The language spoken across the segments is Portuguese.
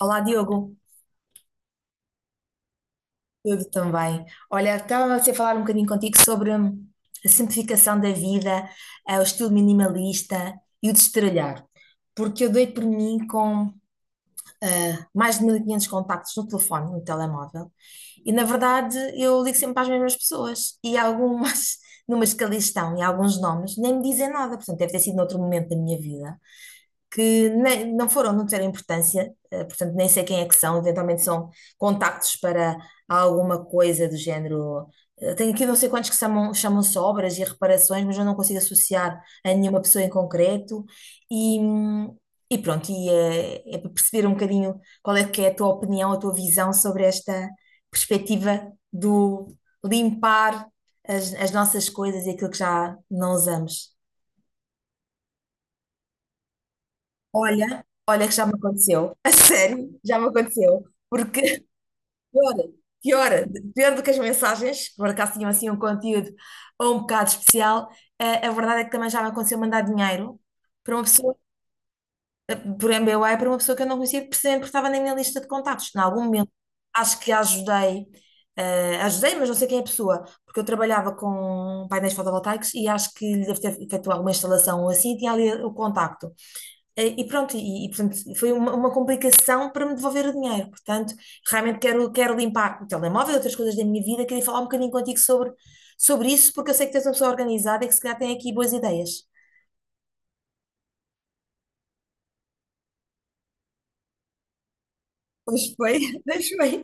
Olá, Diogo. Tudo também. Olha, estava a falar um bocadinho contigo sobre a simplificação da vida, o estilo minimalista e o destralhar. Porque eu dei por mim com mais de 1500 contactos no telefone, no telemóvel, e na verdade eu ligo sempre para as mesmas pessoas e algumas, numas que ali estão e alguns nomes, nem me dizem nada. Portanto, deve ter sido noutro momento da minha vida. Que nem- Não foram, não tiveram importância, portanto nem sei quem é que são, eventualmente são contactos para alguma coisa do género. Tenho aqui não sei quantos que chamam, chamam-se obras e reparações, mas eu não consigo associar a nenhuma pessoa em concreto. E, hum, e para perceber um bocadinho qual é que é a tua opinião, a tua visão sobre esta perspectiva do limpar as nossas coisas e aquilo que já não usamos. Olha, olha que já me aconteceu. A sério, já me aconteceu. Porque pior, pior, pior do que as mensagens, que por acaso tinham assim um conteúdo ou um bocado especial, verdade é que também já me aconteceu mandar dinheiro para uma pessoa, eh, por MBWay, para uma pessoa que eu não conhecia, precisamente porque estava na minha lista de contactos. Em algum momento, acho que ajudei, ajudei, mas não sei quem é a pessoa, porque eu trabalhava com painéis fotovoltaicos e acho que lhe deve ter feito alguma instalação ou assim, e tinha ali o contacto. E pronto, portanto, foi uma complicação para me devolver o dinheiro. Portanto, realmente quero, quero limpar o telemóvel e outras coisas da minha vida. Queria falar um bocadinho contigo sobre, sobre isso, porque eu sei que tens és uma pessoa organizada e que se calhar tem aqui boas ideias. Pois bem, deixa bem.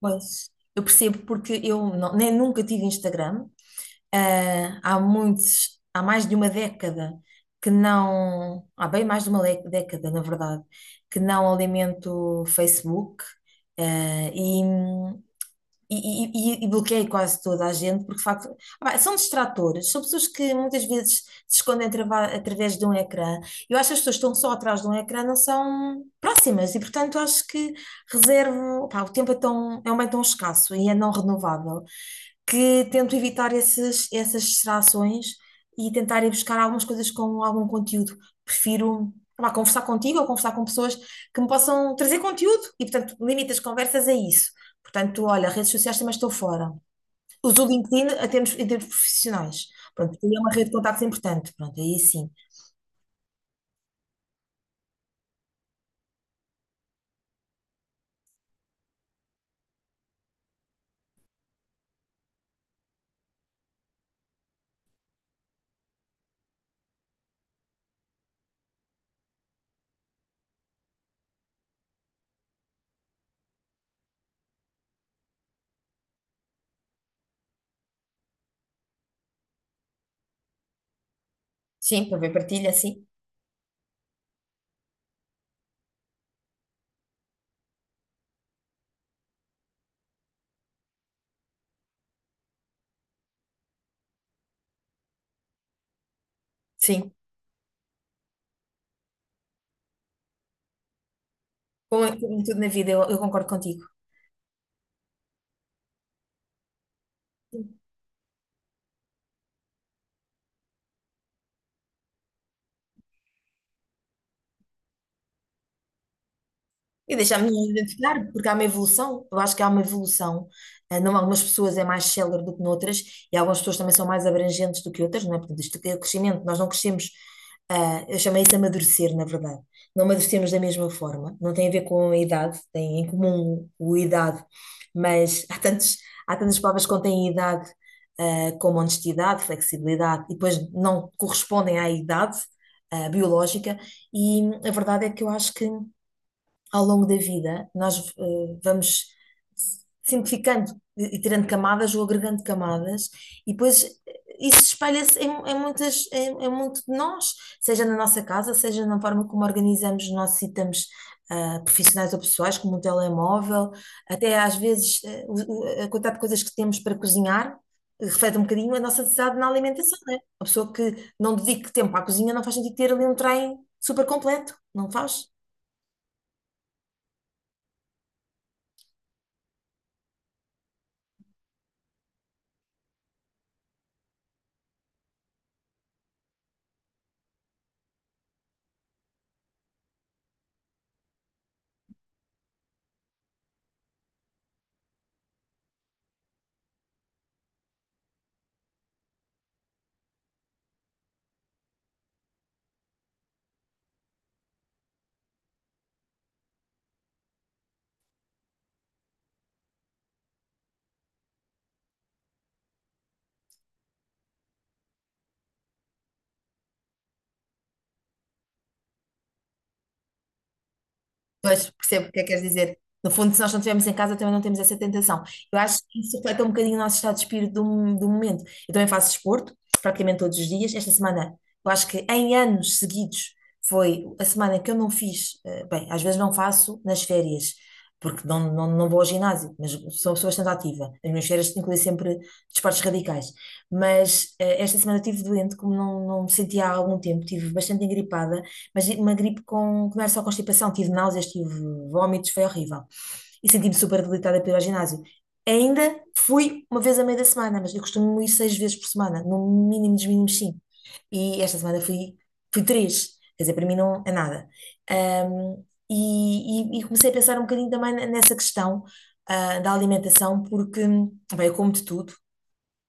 Pois, eu percebo porque eu não- nem nunca tive Instagram. Há muitos, há mais de uma década que não, há bem mais de uma década, na verdade, que não alimento Facebook. Ah, e, e bloqueei quase toda a gente, porque de facto, pá, são distratores, são pessoas que muitas vezes se escondem através de um ecrã. Eu acho que as pessoas que estão só atrás de um ecrã não são próximas, e portanto acho que reservo, pá, o tempo é tão, é um bem tão escasso e é não renovável, que tento evitar essas distrações e tentar ir buscar algumas coisas com algum conteúdo. Prefiro, pá, conversar contigo ou conversar com pessoas que me possam trazer conteúdo, e portanto limito as conversas a isso. Portanto, olha, redes sociais também estou fora. Uso o LinkedIn em termos profissionais. Pronto, porque é uma rede de contactos importante. Pronto, aí sim. Sim, para ver partilha, sim. Sim. Como, é como tudo na vida, eu concordo contigo. E deixar-me identificar, porque há uma evolução. Eu acho que há uma evolução. Não, algumas pessoas é mais célere do que noutras, e algumas pessoas também são mais abrangentes do que outras, não é? Portanto, isto é o crescimento. Nós não crescemos, eu chamei isso amadurecer, na verdade. Não amadurecemos da mesma forma. Não tem a ver com a idade, tem em comum o idade, mas há tantas palavras que contêm idade, como honestidade, flexibilidade, e depois não correspondem à idade, biológica, e a verdade é que eu acho que ao longo da vida, nós vamos simplificando e tirando camadas ou agregando camadas, e depois isso espalha-se em muito de nós, seja na nossa casa, seja na forma como organizamos os nossos itens. Profissionais ou pessoais, como um telemóvel, até às vezes a quantidade de coisas que temos para cozinhar reflete um bocadinho a nossa necessidade na alimentação, né? A pessoa que não dedique tempo à cozinha não faz sentido ter ali um trem super completo, não faz? Pois, percebo o que é que queres dizer. No fundo, se nós não estivermos em casa, também não temos essa tentação. Eu acho que isso reflete um bocadinho o nosso estado de espírito do momento. Eu também faço desporto, praticamente todos os dias. Esta semana, eu acho que em anos seguidos, foi a semana que eu não fiz. Bem, às vezes não faço nas férias, porque não vou ao ginásio, mas sou bastante ativa. As minhas férias incluem sempre desportos radicais. Mas esta semana eu estive doente, como não me sentia há algum tempo, estive bastante engripada mas uma gripe com, que não era só constipação, tive náuseas, tive vómitos, foi horrível. E senti-me super debilitada para ir ao ginásio. Ainda fui uma vez a meio da semana, mas eu costumo ir seis vezes por semana, no mínimo dos mínimos cinco. E esta semana fui, fui três, quer dizer, para mim não é nada. Ahm, e comecei a pensar um bocadinho também nessa questão, da alimentação, porque, bem, eu como de tudo,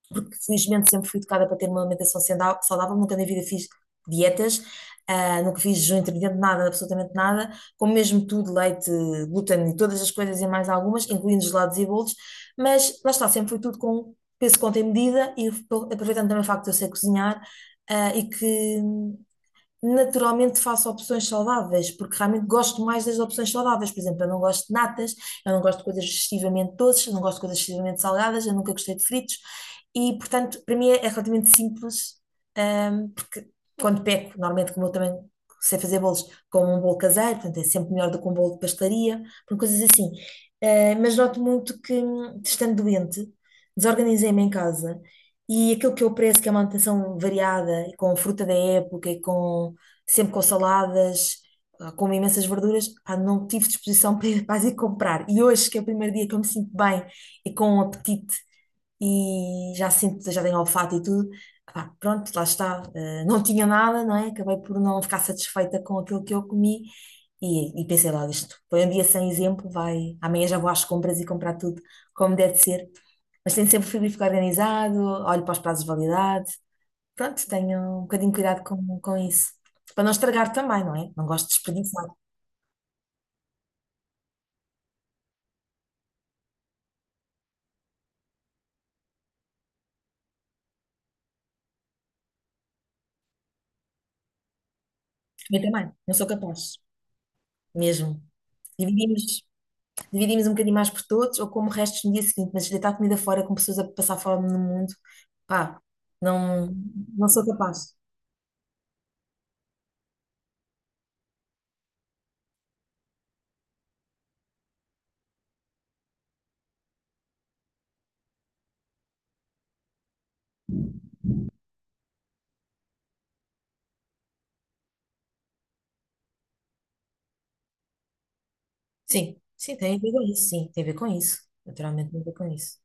porque felizmente sempre fui educada para ter uma alimentação saudável, nunca na vida fiz dietas, nunca fiz jejum intermitente, nada, absolutamente nada, como mesmo tudo, leite, glúten e todas as coisas e mais algumas, incluindo gelados e bolos, mas lá está, sempre foi tudo com peso, conta e medida, e aproveitando também o facto de eu sei cozinhar, e que naturalmente faço opções saudáveis, porque realmente gosto mais das opções saudáveis. Por exemplo, eu não gosto de natas, eu não gosto de coisas excessivamente doces, eu não gosto de coisas excessivamente salgadas, eu nunca gostei de fritos. E, portanto, para mim é é relativamente simples, porque quando peco, normalmente, como eu também sei fazer bolos, como um bolo caseiro, portanto, é sempre melhor do que um bolo de pastelaria, portanto, coisas assim. Mas noto muito que, estando doente, desorganizei-me em casa. E aquilo que eu prezo, que é uma alimentação variada, e com fruta da época, e com sempre com saladas, como imensas verduras, pá, não tive disposição para ir comprar. E hoje, que é o primeiro dia que eu me sinto bem e com um apetite e já sinto, já tenho olfato e tudo, pá, pronto, lá está. Não tinha nada, não é? Acabei por não ficar satisfeita com aquilo que eu comi e pensei lá, isto foi um dia sem exemplo, vai, amanhã já vou às compras e comprar tudo como deve de ser. Mas tenho sempre o frigorífico organizado, olho para os prazos de validade. Pronto, tenho um bocadinho cuidado com isso. Para não estragar também, não é? Não gosto de desperdiçar. Eu também, não sou capaz. Mesmo. Dividimos, dividimos um bocadinho mais por todos ou como restos no dia seguinte, mas deitar comida fora com pessoas a passar fome no mundo, pá, não, não sou capaz. Sim, sim, tem a ver com isso, sim, tem a ver com isso. Naturalmente tem a ver com isso.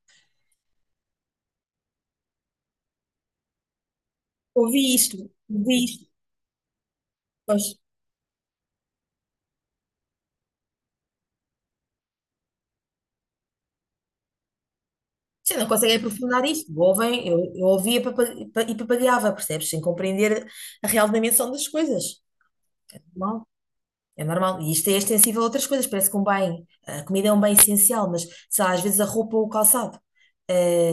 Ouvi isto, ouvi isto, pois. Sim, não conseguem aprofundar isto. Ouvem, eu ouvia e papagaiava, percebes? Sem compreender a real dimensão das coisas. Normal. É normal. E isto é extensível a outras coisas. Parece que um bem, a comida é um bem essencial, mas sei lá, às vezes a roupa ou o calçado, eh,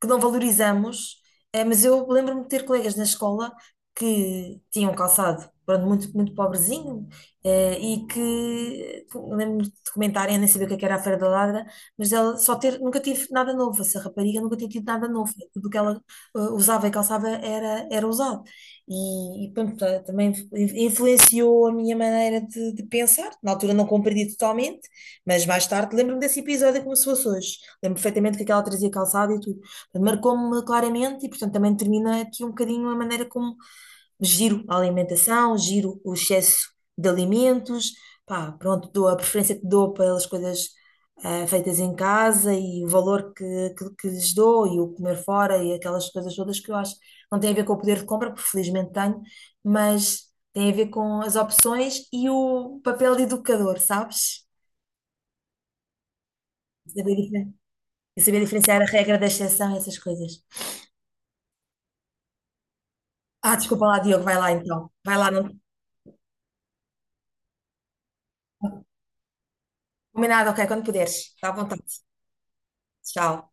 que não valorizamos. Mas eu lembro-me de ter colegas na escola que tinham calçado, pronto, muito, muito pobrezinho, e que lembro-me de comentarem, eu nem sabia o que é que era a Feira da Ladra, mas ela só ter, nunca tive nada novo. Essa rapariga nunca tinha tido nada novo. Tudo o que ela usava e calçava era, era usado. E pronto, também influenciou a minha maneira de pensar. Na altura não compreendi totalmente, mas mais tarde lembro-me desse episódio como se fosse hoje. Lembro perfeitamente que aquela trazia calçado e tudo. Marcou-me claramente e, portanto, também termina aqui um bocadinho a maneira como giro a alimentação, giro o excesso de alimentos. Pá, pronto, dou a preferência que dou pelas coisas feitas em casa e o valor que lhes dou e o comer fora e aquelas coisas todas que eu acho não tem a ver com o poder de compra, porque felizmente tenho, mas tem a ver com as opções e o papel de educador, sabes? Saber, difer- e saber diferenciar a regra da exceção e essas coisas. Ah, desculpa lá, Diogo, vai lá então. Vai lá, não... Combinado, ok, quando puderes. Está à vontade. Tchau.